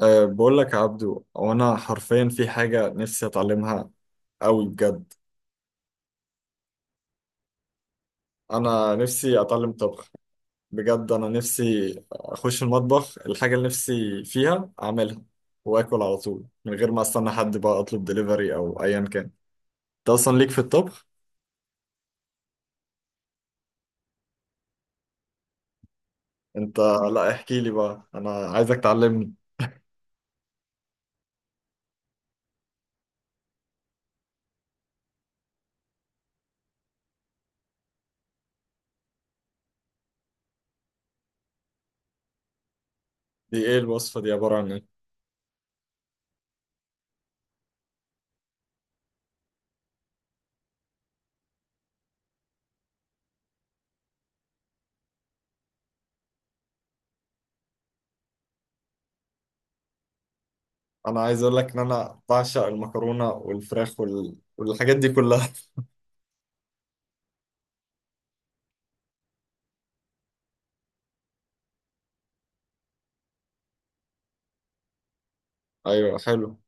أه بقول لك يا عبدو، وانا حرفيا في حاجة نفسي اتعلمها قوي بجد. انا نفسي اتعلم طبخ بجد. انا نفسي اخش المطبخ، الحاجة اللي نفسي فيها اعملها واكل على طول، من غير ما استنى حد بقى اطلب دليفري او ايا كان. انت اصلا ليك في الطبخ؟ انت، لا احكي لي بقى، انا عايزك تعلمني. دي ايه الوصفة دي؟ عبارة عن ايه؟ انا عايز اقول لك ان انا بعشق المكرونة والفراخ والحاجات دي كلها ايوه، حلو.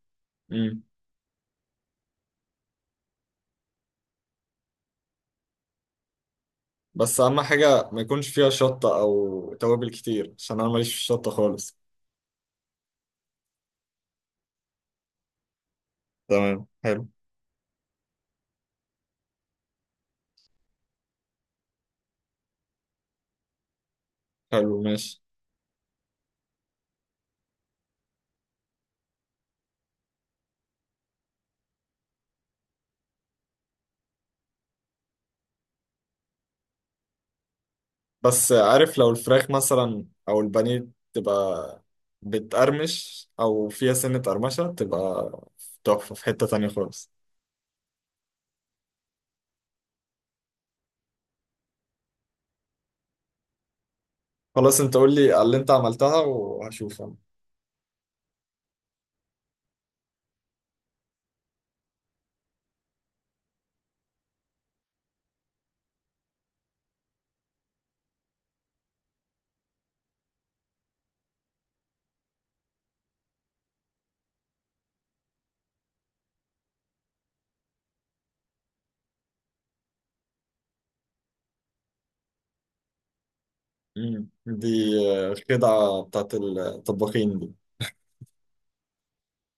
بس اهم حاجه ما يكونش فيها شطه او توابل كتير، عشان انا ماليش في الشطه خالص. تمام، حلو. حلو، ماشي. بس عارف لو الفراخ مثلا او البانيه تبقى بتقرمش او فيها سنه قرمشه، تبقى تحفه في حته تانية خالص. خلاص، انت قول لي على اللي انت عملتها وهشوف انا. دي خدعه بتاعت الطباخين دي.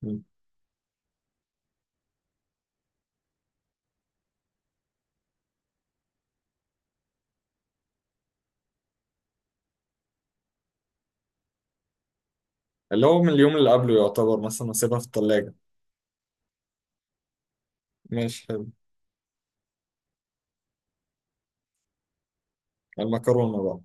مم. اللي هو من اليوم اللي قبله، يعتبر مثلا اسيبها في الثلاجه؟ ماشي، حلو. المكرونه بقى.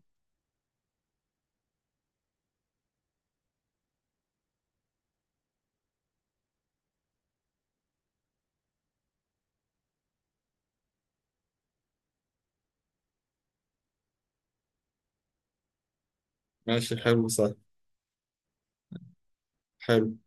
ماشي، حلو، سهل. حلو.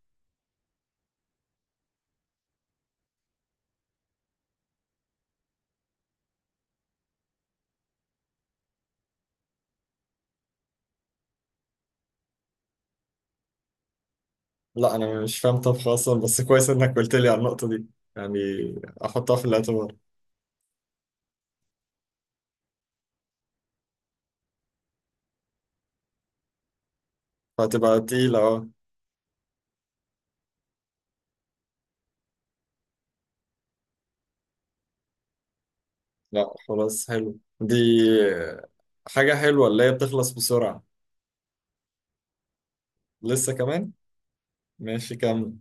لا انا مش فاهم طبخ اصلا، بس كويس انك قلت لي على النقطه دي يعني، احطها في الاعتبار. فهتبقى تقيله، اه. لا خلاص، حلو دي، حاجه حلوه اللي هي بتخلص بسرعه. لسه كمان؟ ماشي، كمل.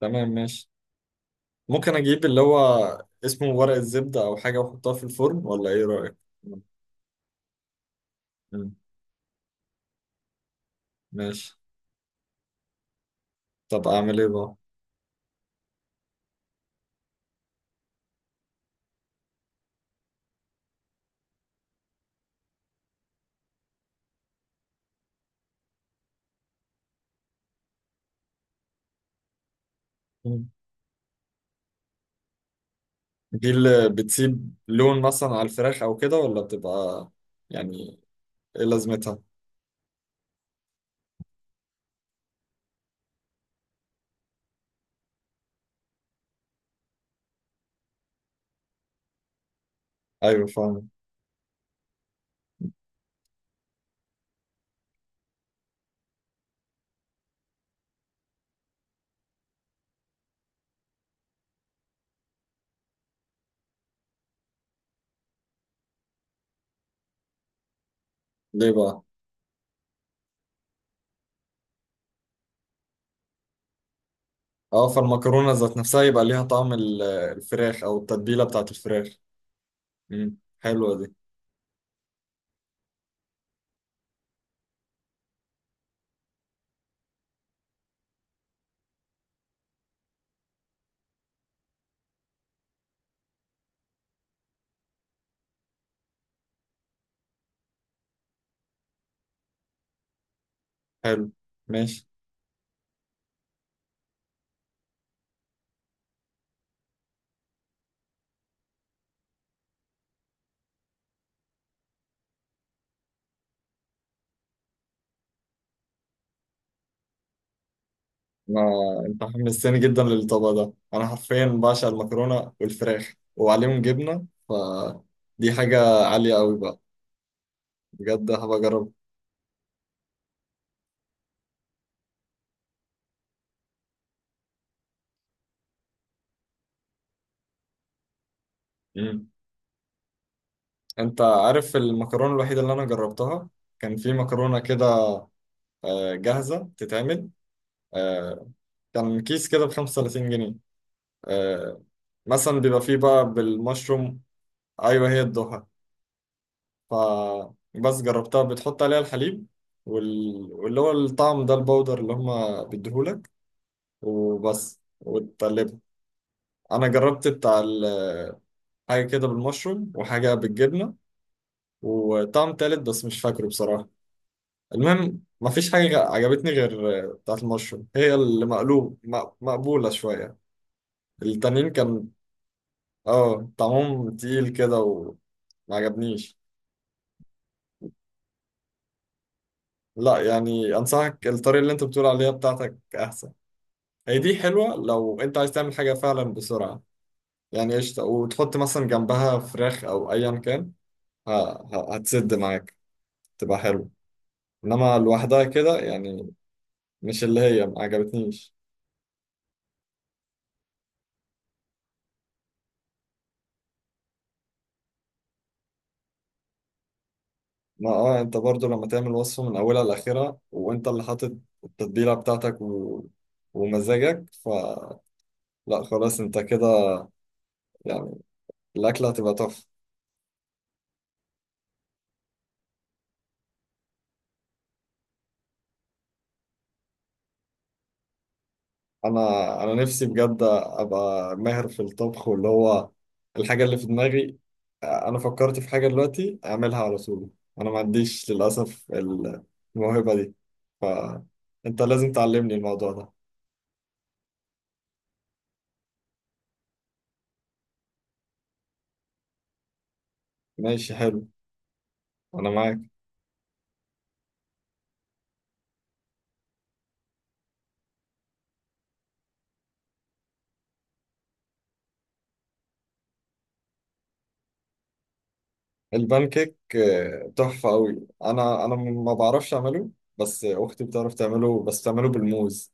تمام، ماشي. ممكن اجيب اللي هو اسمه ورق الزبده او حاجه، واحطها في الفرن، ولا ايه رايك؟ مم. ماشي. طب اعمل ايه بقى؟ مم. دي اللي بتسيب لون مثلا على الفراخ او كده، ولا بتبقى يعني، ايه لازمتها؟ ايوه، فاهم. ليه بقى؟ اه، فالمكرونة ذات نفسها يبقى ليها طعم الفراخ او التتبيلة بتاعت الفراخ. امم، حلوة دي. حلو، ماشي. ما انت حمستني جدا للطبق ده، انا حرفيا بعشق المكرونة والفراخ وعليهم جبنة، فدي حاجة عالية قوي بقى. بجد هبقى اجرب. امم. انت عارف المكرونة الوحيدة اللي انا جربتها؟ كان في مكرونة كده، جاهزة تتعمل، آه، كان كيس كده ب 35 جنيه، آه، مثلا بيبقى فيه بقى بالمشروم. ايوه، هي الضحى. فبس جربتها، بتحط عليها الحليب واللي هو الطعم ده، البودر اللي هما بيديهولك، وبس، وتقلبها. انا جربت بتاع حاجه كده بالمشروم، وحاجه بالجبنه، وطعم تالت بس مش فاكره بصراحه. المهم مفيش حاجه عجبتني غير بتاعه المشروم، هي اللي مقلوب مقبوله شويه. التانيين كان اه طعمهم تقيل كده، وما عجبنيش. لا يعني، انصحك الطريقه اللي انت بتقول عليها بتاعتك احسن. هي دي حلوة لو انت عايز تعمل حاجة فعلا بسرعة، يعني قشطة، وتحط مثلا جنبها فراخ او ايا كان، ه- هتسد معاك، تبقى حلوة. انما لوحدها كده يعني، مش اللي هي، ما عجبتنيش. ما اه انت برضو لما تعمل وصفة من اولها لاخرها، وانت اللي حاطط التتبيلة بتاعتك ومزاجك، فلا، خلاص انت كده يعني، الاكلة هتبقى تحفة. انا نفسي بجد ابقى ماهر في الطبخ، واللي هو الحاجه اللي في دماغي. انا فكرت في حاجه دلوقتي اعملها على طول. انا ما عنديش للاسف الموهبه دي، فانت لازم تعلمني الموضوع ده. ماشي، حلو. انا معاك. البان كيك، تحفه قوي. انا ما بعرفش اعمله، بس اختي بتعرف تعمله، بس تعمله بالموز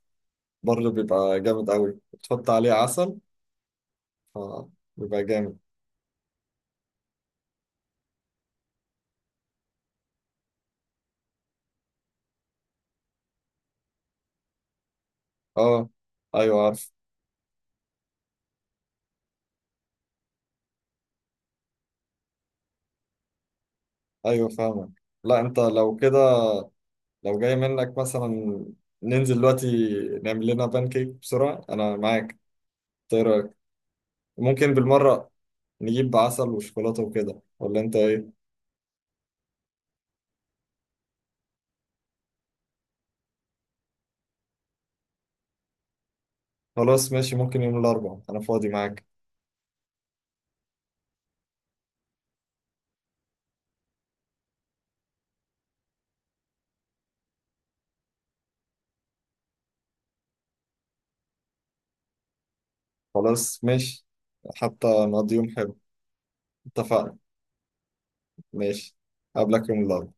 برضه، بيبقى جامد قوي، بتحط عليه عسل، فبيبقى جامد. اه، ايوه عارف. ايوه، فاهمك. لا انت لو كده، لو جاي منك مثلا، ننزل دلوقتي نعمل لنا بانكيك بسرعة، انا معاك. إنت ايه رأيك؟ ممكن بالمرة نجيب عسل وشوكولاتة وكده، ولا انت ايه؟ خلاص، ماشي، ممكن يوم الاربعاء انا فاضي معاك. خلاص، ماشي، حتى نقضي يوم حلو. اتفقنا. ماشي، قبلك يوم الاربعاء.